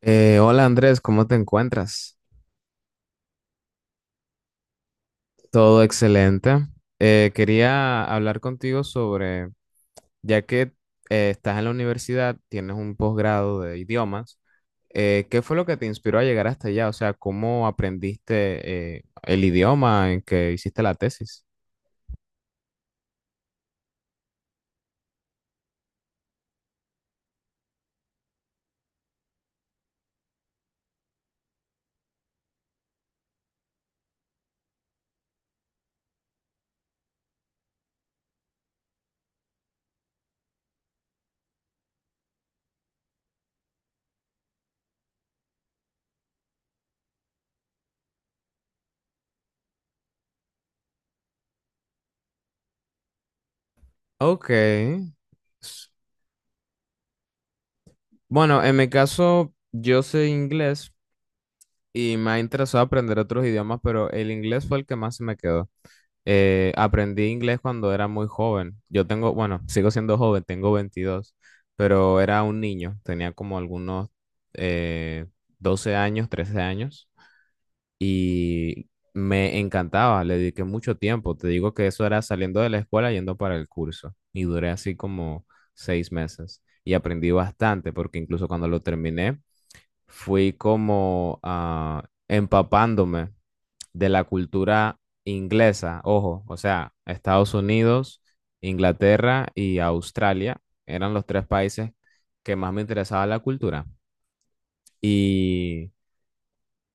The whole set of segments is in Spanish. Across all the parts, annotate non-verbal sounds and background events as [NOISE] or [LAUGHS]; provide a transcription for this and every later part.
Hola Andrés, ¿cómo te encuentras? Todo excelente. Quería hablar contigo sobre, ya que estás en la universidad, tienes un posgrado de idiomas. ¿Qué fue lo que te inspiró a llegar hasta allá? O sea, ¿cómo aprendiste el idioma en que hiciste la tesis? Ok. S- Bueno, en mi caso, yo sé inglés y me ha interesado aprender otros idiomas, pero el inglés fue el que más se me quedó. Aprendí inglés cuando era muy joven. Yo tengo, bueno, sigo siendo joven, tengo 22, pero era un niño, tenía como algunos eh, 12 años, 13 años, y me encantaba, le dediqué mucho tiempo. Te digo que eso era saliendo de la escuela yendo para el curso y duré así como 6 meses y aprendí bastante porque incluso cuando lo terminé fui como ah, empapándome de la cultura inglesa. Ojo, o sea, Estados Unidos, Inglaterra y Australia eran los tres países que más me interesaba la cultura. Y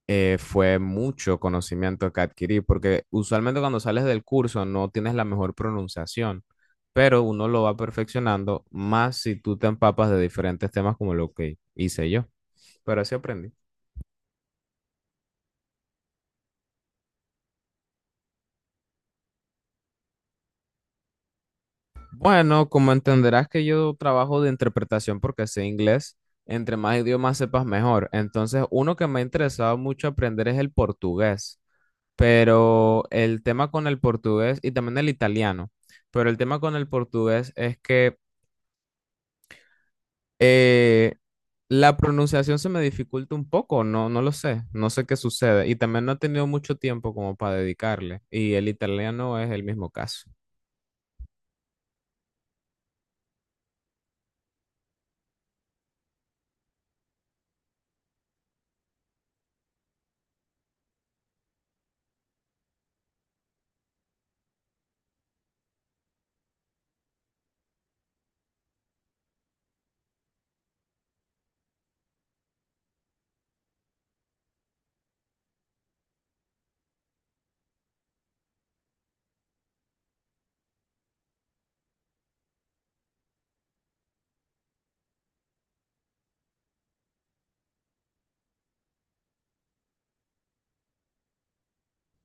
fue mucho conocimiento que adquirí, porque usualmente cuando sales del curso no tienes la mejor pronunciación, pero uno lo va perfeccionando más si tú te empapas de diferentes temas como lo que hice yo. Pero así aprendí. Bueno, como entenderás que yo trabajo de interpretación porque sé inglés, entre más idiomas sepas mejor. Entonces, uno que me ha interesado mucho aprender es el portugués, pero el tema con el portugués y también el italiano, pero el tema con el portugués es que eh, la pronunciación se me dificulta un poco, no, no lo sé, no sé qué sucede, y también no he tenido mucho tiempo como para dedicarle, y el italiano es el mismo caso.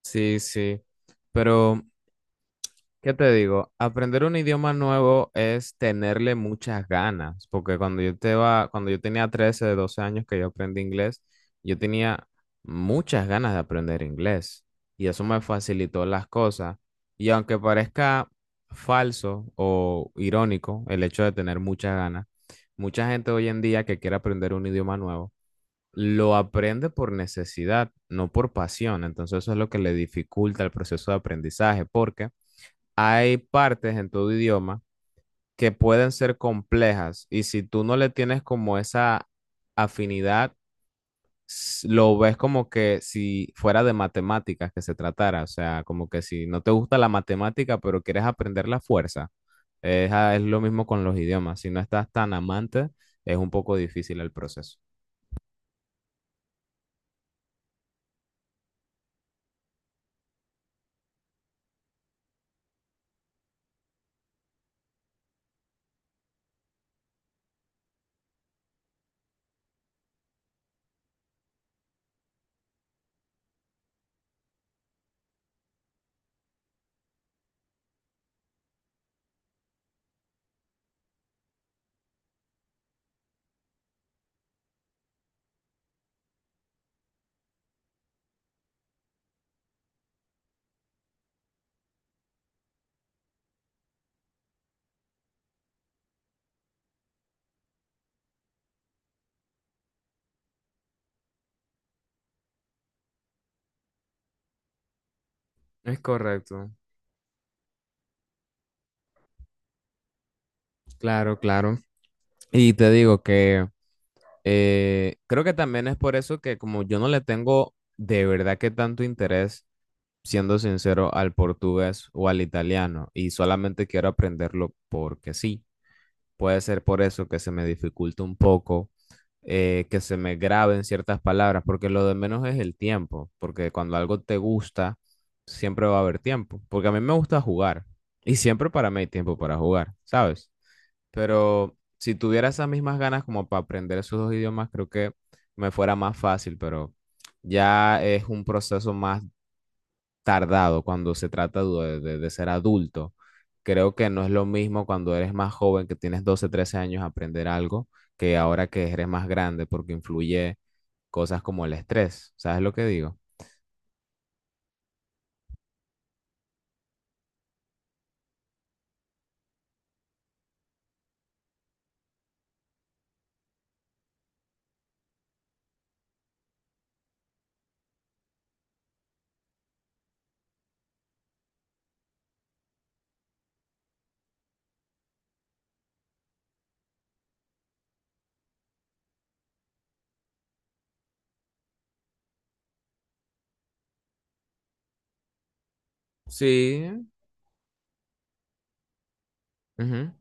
Sí, sí, pero... ¿Qué te digo? Aprender un idioma nuevo es tenerle muchas ganas, porque cuando yo tenía 13, 12 años que yo aprendí inglés, yo tenía muchas ganas de aprender inglés, y eso me facilitó las cosas. Y aunque parezca falso o irónico el hecho de tener muchas ganas, mucha gente hoy en día que quiere aprender un idioma nuevo lo aprende por necesidad, no por pasión. Entonces eso es lo que le dificulta el proceso de aprendizaje, porque hay partes en tu idioma que pueden ser complejas y si tú no le tienes como esa afinidad, lo ves como que si fuera de matemáticas que se tratara, o sea, como que si no te gusta la matemática pero quieres aprender la fuerza, es lo mismo con los idiomas, si no estás tan amante, es un poco difícil el proceso. Es correcto, claro, claro. Y te digo que creo que también es por eso que como yo no le tengo de verdad que tanto interés, siendo sincero, al portugués o al italiano, y solamente quiero aprenderlo porque sí. Puede ser por eso que se me dificulta un poco, que se me graben ciertas palabras, porque lo de menos es el tiempo, porque cuando algo te gusta, siempre va a haber tiempo, porque a mí me gusta jugar y siempre para mí hay tiempo para jugar, ¿sabes? Pero si tuviera esas mismas ganas como para aprender esos dos idiomas, creo que me fuera más fácil, pero ya es un proceso más tardado cuando se trata de ser adulto. Creo que no es lo mismo cuando eres más joven, que tienes 12 13 años, aprender algo, que ahora que eres más grande, porque influye cosas como el estrés. ¿Sabes lo que digo? Sí. Ujú.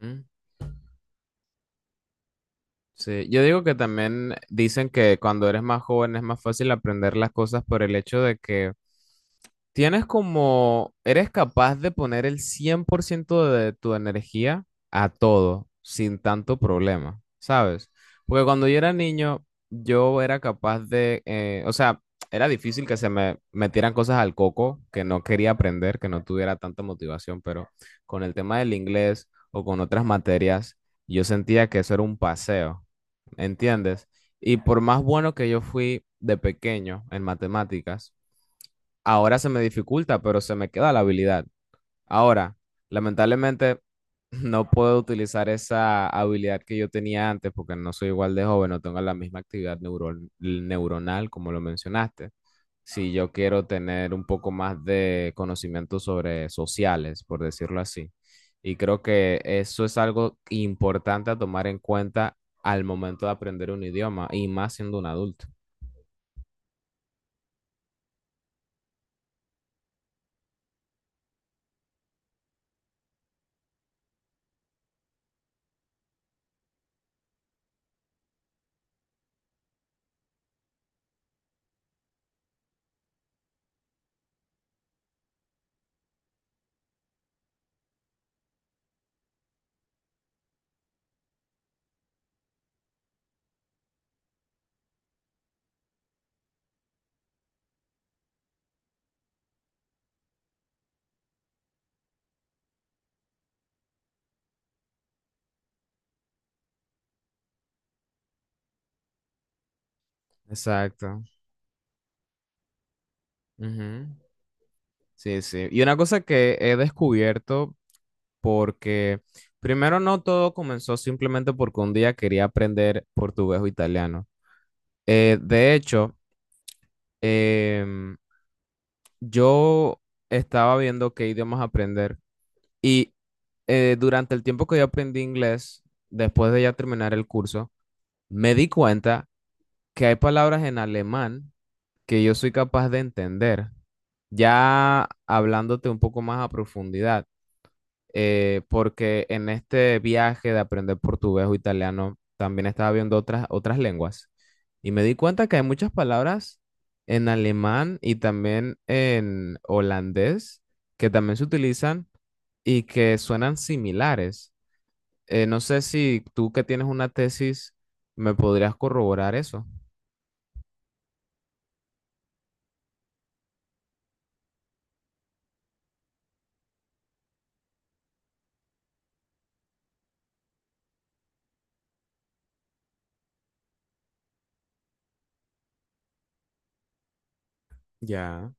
Ujú. Sí, yo digo que también dicen que cuando eres más joven es más fácil aprender las cosas por el hecho de que tienes como, eres capaz de poner el 100% de tu energía a todo sin tanto problema, ¿sabes? Porque cuando yo era niño, yo era capaz de, o sea, era difícil que se me metieran cosas al coco que no quería aprender, que no tuviera tanta motivación, pero con el tema del inglés o con otras materias, yo sentía que eso era un paseo, ¿entiendes? Y por más bueno que yo fui de pequeño en matemáticas, ahora se me dificulta, pero se me queda la habilidad. Ahora, lamentablemente, [LAUGHS] no puedo utilizar esa habilidad que yo tenía antes porque no soy igual de joven, no tengo la misma actividad neuronal como lo mencionaste. Si yo quiero tener un poco más de conocimiento sobre sociales, por decirlo así. Y creo que eso es algo importante a tomar en cuenta al momento de aprender un idioma y más siendo un adulto. Exacto. Ujú. Sí, sí. Y una cosa que he descubierto, porque primero no todo comenzó simplemente porque un día quería aprender portugués o italiano. De hecho, em, yo estaba viendo qué idiomas aprender, y durante el tiempo que yo aprendí inglés, después de ya terminar el curso, me di cuenta que hay palabras en alemán que yo soy capaz de entender, ya hablándote un poco más a profundidad. Porque en este viaje de aprender portugués o italiano también estaba viendo otras lenguas, y me di cuenta que hay muchas palabras en alemán y también en holandés que también se utilizan y que suenan similares. No sé si tú que tienes una tesis me podrías corroborar eso. Ya.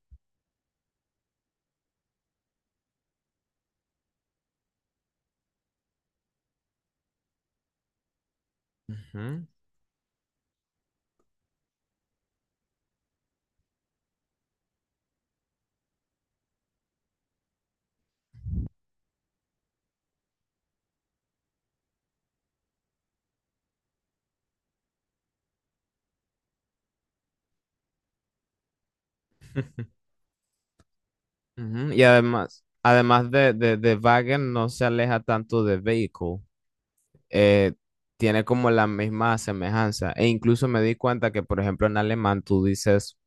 Ujú. [LAUGHS] Ujú. Y además, además de Wagen no se aleja tanto de vehicle. eh, Tiene como la misma semejanza. E incluso me di cuenta que, por ejemplo, en alemán tú dices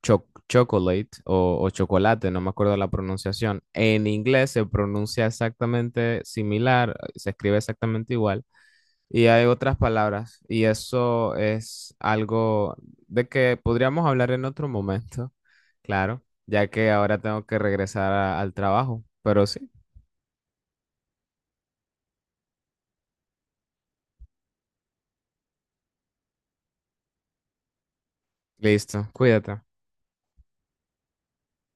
chocolate o chocolate, no me acuerdo la pronunciación. En inglés se pronuncia exactamente similar, se escribe exactamente igual. Y hay otras palabras, y eso es algo de que podríamos hablar en otro momento, claro, ya que ahora tengo que regresar al trabajo. Pero sí, listo, cuídate.